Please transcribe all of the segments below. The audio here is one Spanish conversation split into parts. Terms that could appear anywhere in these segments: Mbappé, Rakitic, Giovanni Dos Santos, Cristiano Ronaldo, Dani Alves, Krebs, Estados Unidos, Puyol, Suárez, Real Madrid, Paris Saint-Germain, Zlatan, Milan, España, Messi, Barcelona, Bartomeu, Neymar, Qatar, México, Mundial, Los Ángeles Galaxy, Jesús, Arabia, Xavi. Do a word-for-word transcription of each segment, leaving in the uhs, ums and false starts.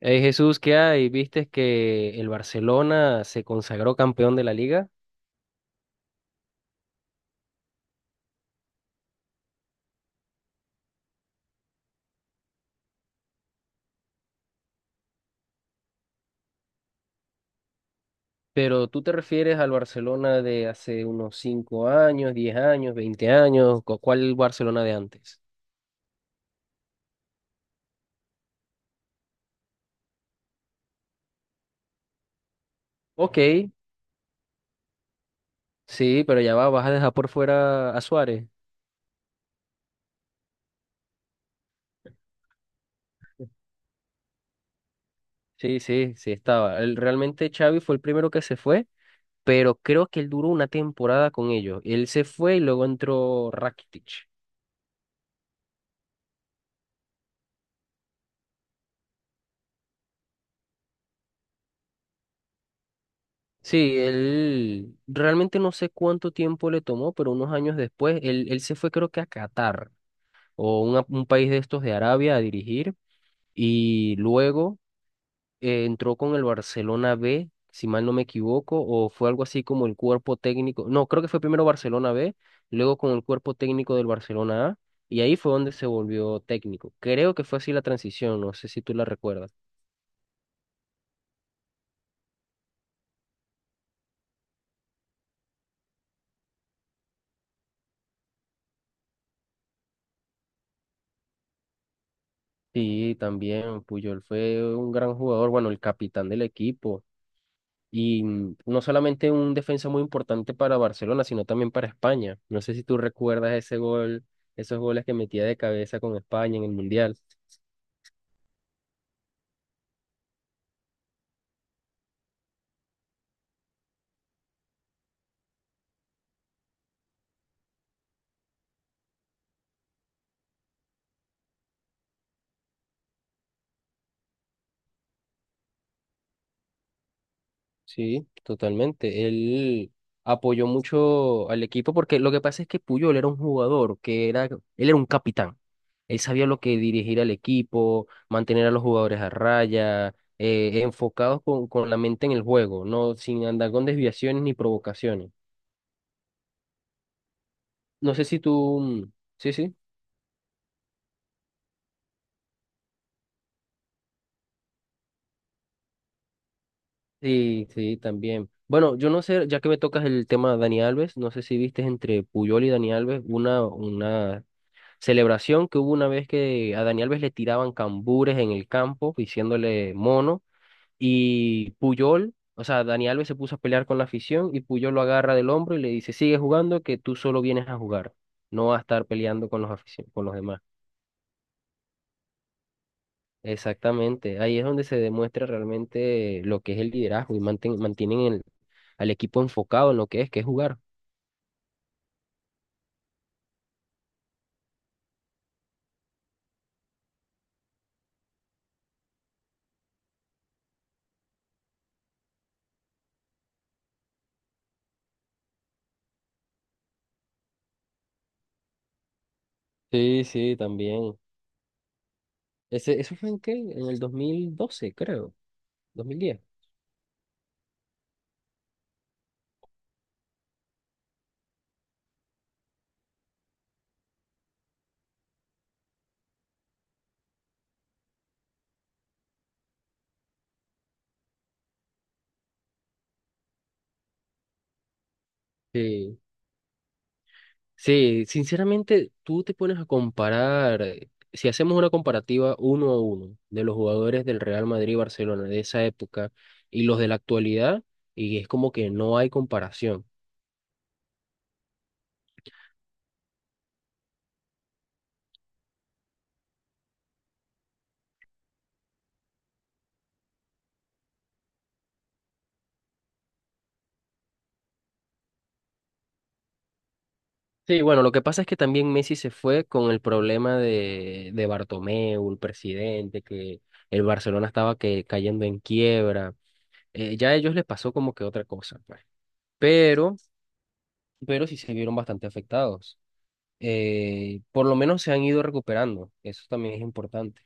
Hey Jesús, ¿qué hay? ¿Viste que el Barcelona se consagró campeón de la liga? Pero tú te refieres al Barcelona de hace unos cinco años, diez años, veinte años, ¿cu- ¿cuál Barcelona de antes? Ok, sí, pero ya va, vas a dejar por fuera a Suárez. Sí, sí, sí estaba. El- realmente Xavi fue el primero que se fue, pero creo que él duró una temporada con ellos. Él se fue y luego entró Rakitic. Sí, él realmente no sé cuánto tiempo le tomó, pero unos años después, él, él se fue creo que a Qatar o una- un país de estos de Arabia a dirigir y luego eh, entró con el Barcelona B, si mal no me equivoco, o fue algo así como el cuerpo técnico, no, creo que fue primero Barcelona B, luego con el cuerpo técnico del Barcelona A y ahí fue donde se volvió técnico. Creo que fue así la transición, no sé si tú la recuerdas. Sí, también Puyol fue un gran jugador, bueno, el capitán del equipo. Y mm, no solamente un defensa muy importante para Barcelona, sino también para España. No sé si tú recuerdas ese gol, esos goles que metía de cabeza con España en el Mundial. Sí, totalmente. Él apoyó mucho al equipo porque lo que pasa es que Puyol era un jugador que era, él era un capitán. Él sabía lo que dirigir al equipo, mantener a los jugadores a raya, eh, enfocados con, con la mente en el juego, no sin andar con desviaciones ni provocaciones. No sé si tú, mm, sí, sí. Sí, sí, también. Bueno, yo no sé, ya que me tocas el tema de Dani Alves, no sé si viste entre Puyol y Dani Alves una, una celebración que hubo una vez que a Dani Alves le tiraban cambures en el campo, diciéndole mono, y Puyol, o sea, Dani Alves se puso a pelear con la afición y Puyol lo agarra del hombro y le dice, sigue jugando, que tú solo vienes a jugar, no a estar peleando con los aficio- con los demás. Exactamente, ahí es donde se demuestra realmente lo que es el liderazgo y manten- mantienen el- al equipo enfocado en lo que es, que es jugar. Sí, sí, también. Ese, ¿eso fue en qué? En el dos mil doce creo, dos mil diez. Sí. Sí, sinceramente, tú te pones a comparar, eh, si hacemos una comparativa uno a uno de los jugadores del Real Madrid y Barcelona de esa época y los de la actualidad, y es como que no hay comparación. Sí, bueno, lo que pasa es que también Messi se fue con el problema de, de Bartomeu, el presidente, que el Barcelona estaba que, cayendo en quiebra. Eh, ya a ellos les pasó como que otra cosa, pues. Pero, pero sí se vieron bastante afectados. Eh, por lo menos se han ido recuperando. Eso también es importante.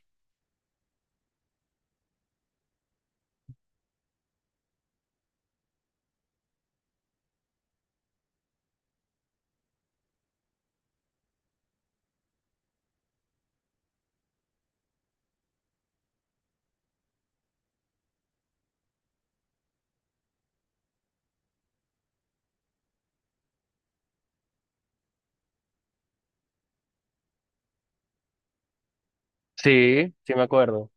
Sí, sí me acuerdo.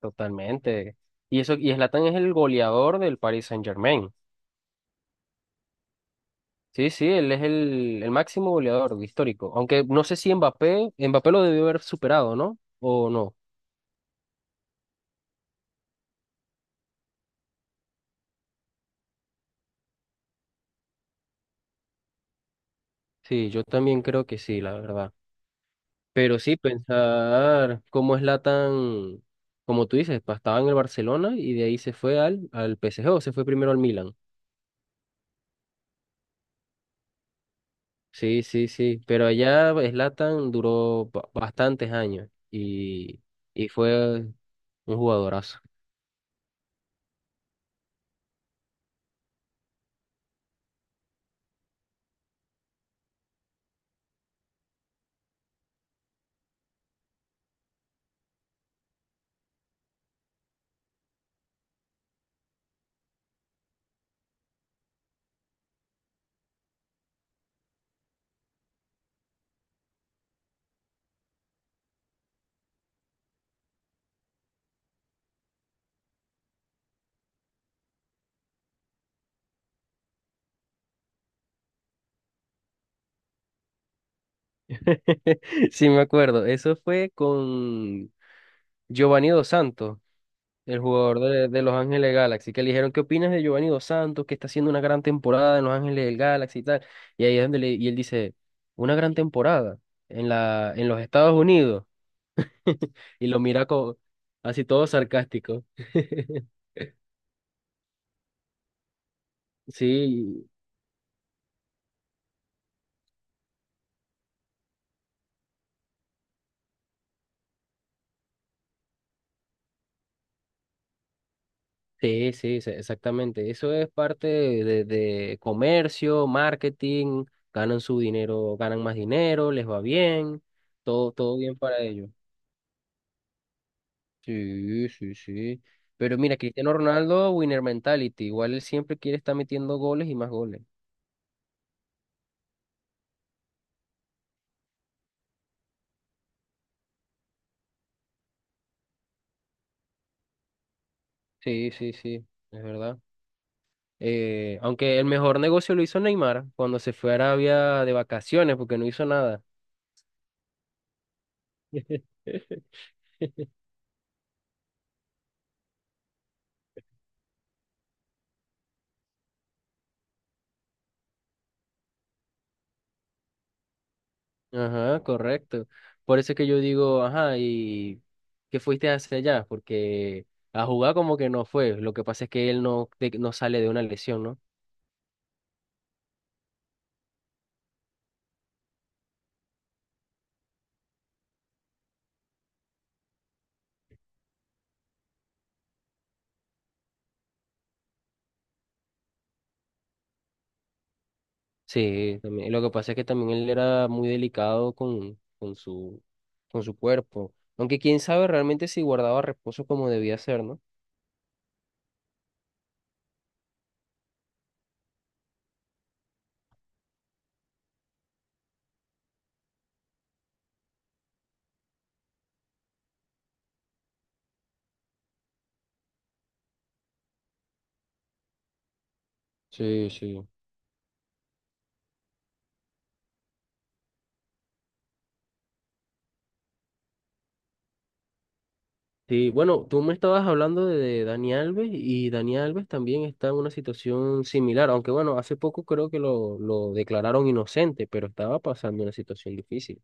Totalmente. Y eso, y Zlatan es el goleador del Paris Saint-Germain. Sí, sí, él es el, el máximo goleador histórico. Aunque no sé si Mbappé, Mbappé lo debió haber superado, ¿no? O no. Sí, yo también creo que sí, la verdad. Pero sí, pensar cómo es Latan, como tú dices, pa- estaba en el Barcelona y de ahí se fue al, al P S G o se fue primero al Milan. Sí, sí, sí. Pero allá Latan duró ba- bastantes años y, y fue un jugadorazo. Sí, me acuerdo. Eso fue con Giovanni Dos Santos. El jugador de, de Los Ángeles Galaxy, que le dijeron, ¿qué opinas de Giovanni Dos Santos, que está haciendo una gran temporada en Los Ángeles del Galaxy y tal? Y ahí es donde le- y él dice, una gran temporada en la, en los Estados Unidos. Y lo mira co- así todo sarcástico. Sí, sí, sí, sí, exactamente. Eso es parte de, de comercio, marketing, ganan su dinero, ganan más dinero, les va bien, todo, todo bien para ellos. Sí, sí, sí. Pero mira, Cristiano Ronaldo, winner mentality. Igual él siempre quiere estar metiendo goles y más goles. Sí, sí, sí, es verdad. Eh, aunque el mejor negocio lo hizo Neymar cuando se fue a Arabia de vacaciones porque no hizo nada. Ajá, correcto. Por eso es que yo digo, ajá, ¿y qué fuiste hacia allá? Porque a jugar como que no fue. Lo que pasa es que él no, de- no sale de una lesión, ¿no? Sí, también. Lo que pasa es que también él era muy delicado con, con su, con su cuerpo. Aunque quién sabe realmente si guardaba reposo como debía ser, ¿no? Sí, sí. Sí, bueno, tú me estabas hablando de, de Dani Alves y Dani Alves también está en una situación similar, aunque bueno, hace poco creo que lo, lo declararon inocente, pero estaba pasando una situación difícil.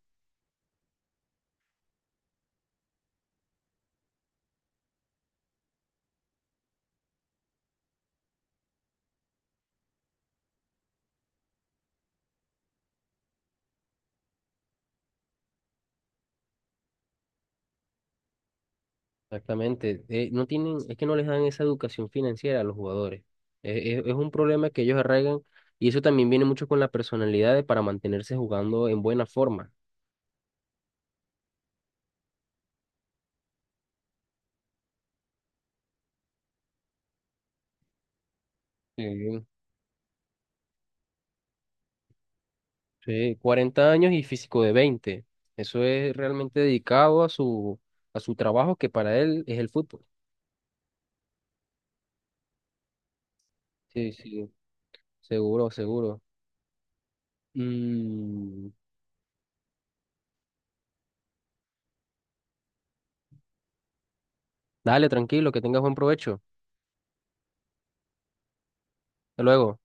Exactamente. Eh, no tienen, es que no les dan esa educación financiera a los jugadores. Eh, es, es un problema que ellos arraigan y eso también viene mucho con la personalidad de para mantenerse jugando en buena forma. Sí. Sí, cuarenta años y físico de veinte. Eso es realmente dedicado a su, a su trabajo que para él es el fútbol. Sí, sí, seguro, seguro. Mm, Dale, tranquilo, que tengas buen provecho. Hasta luego.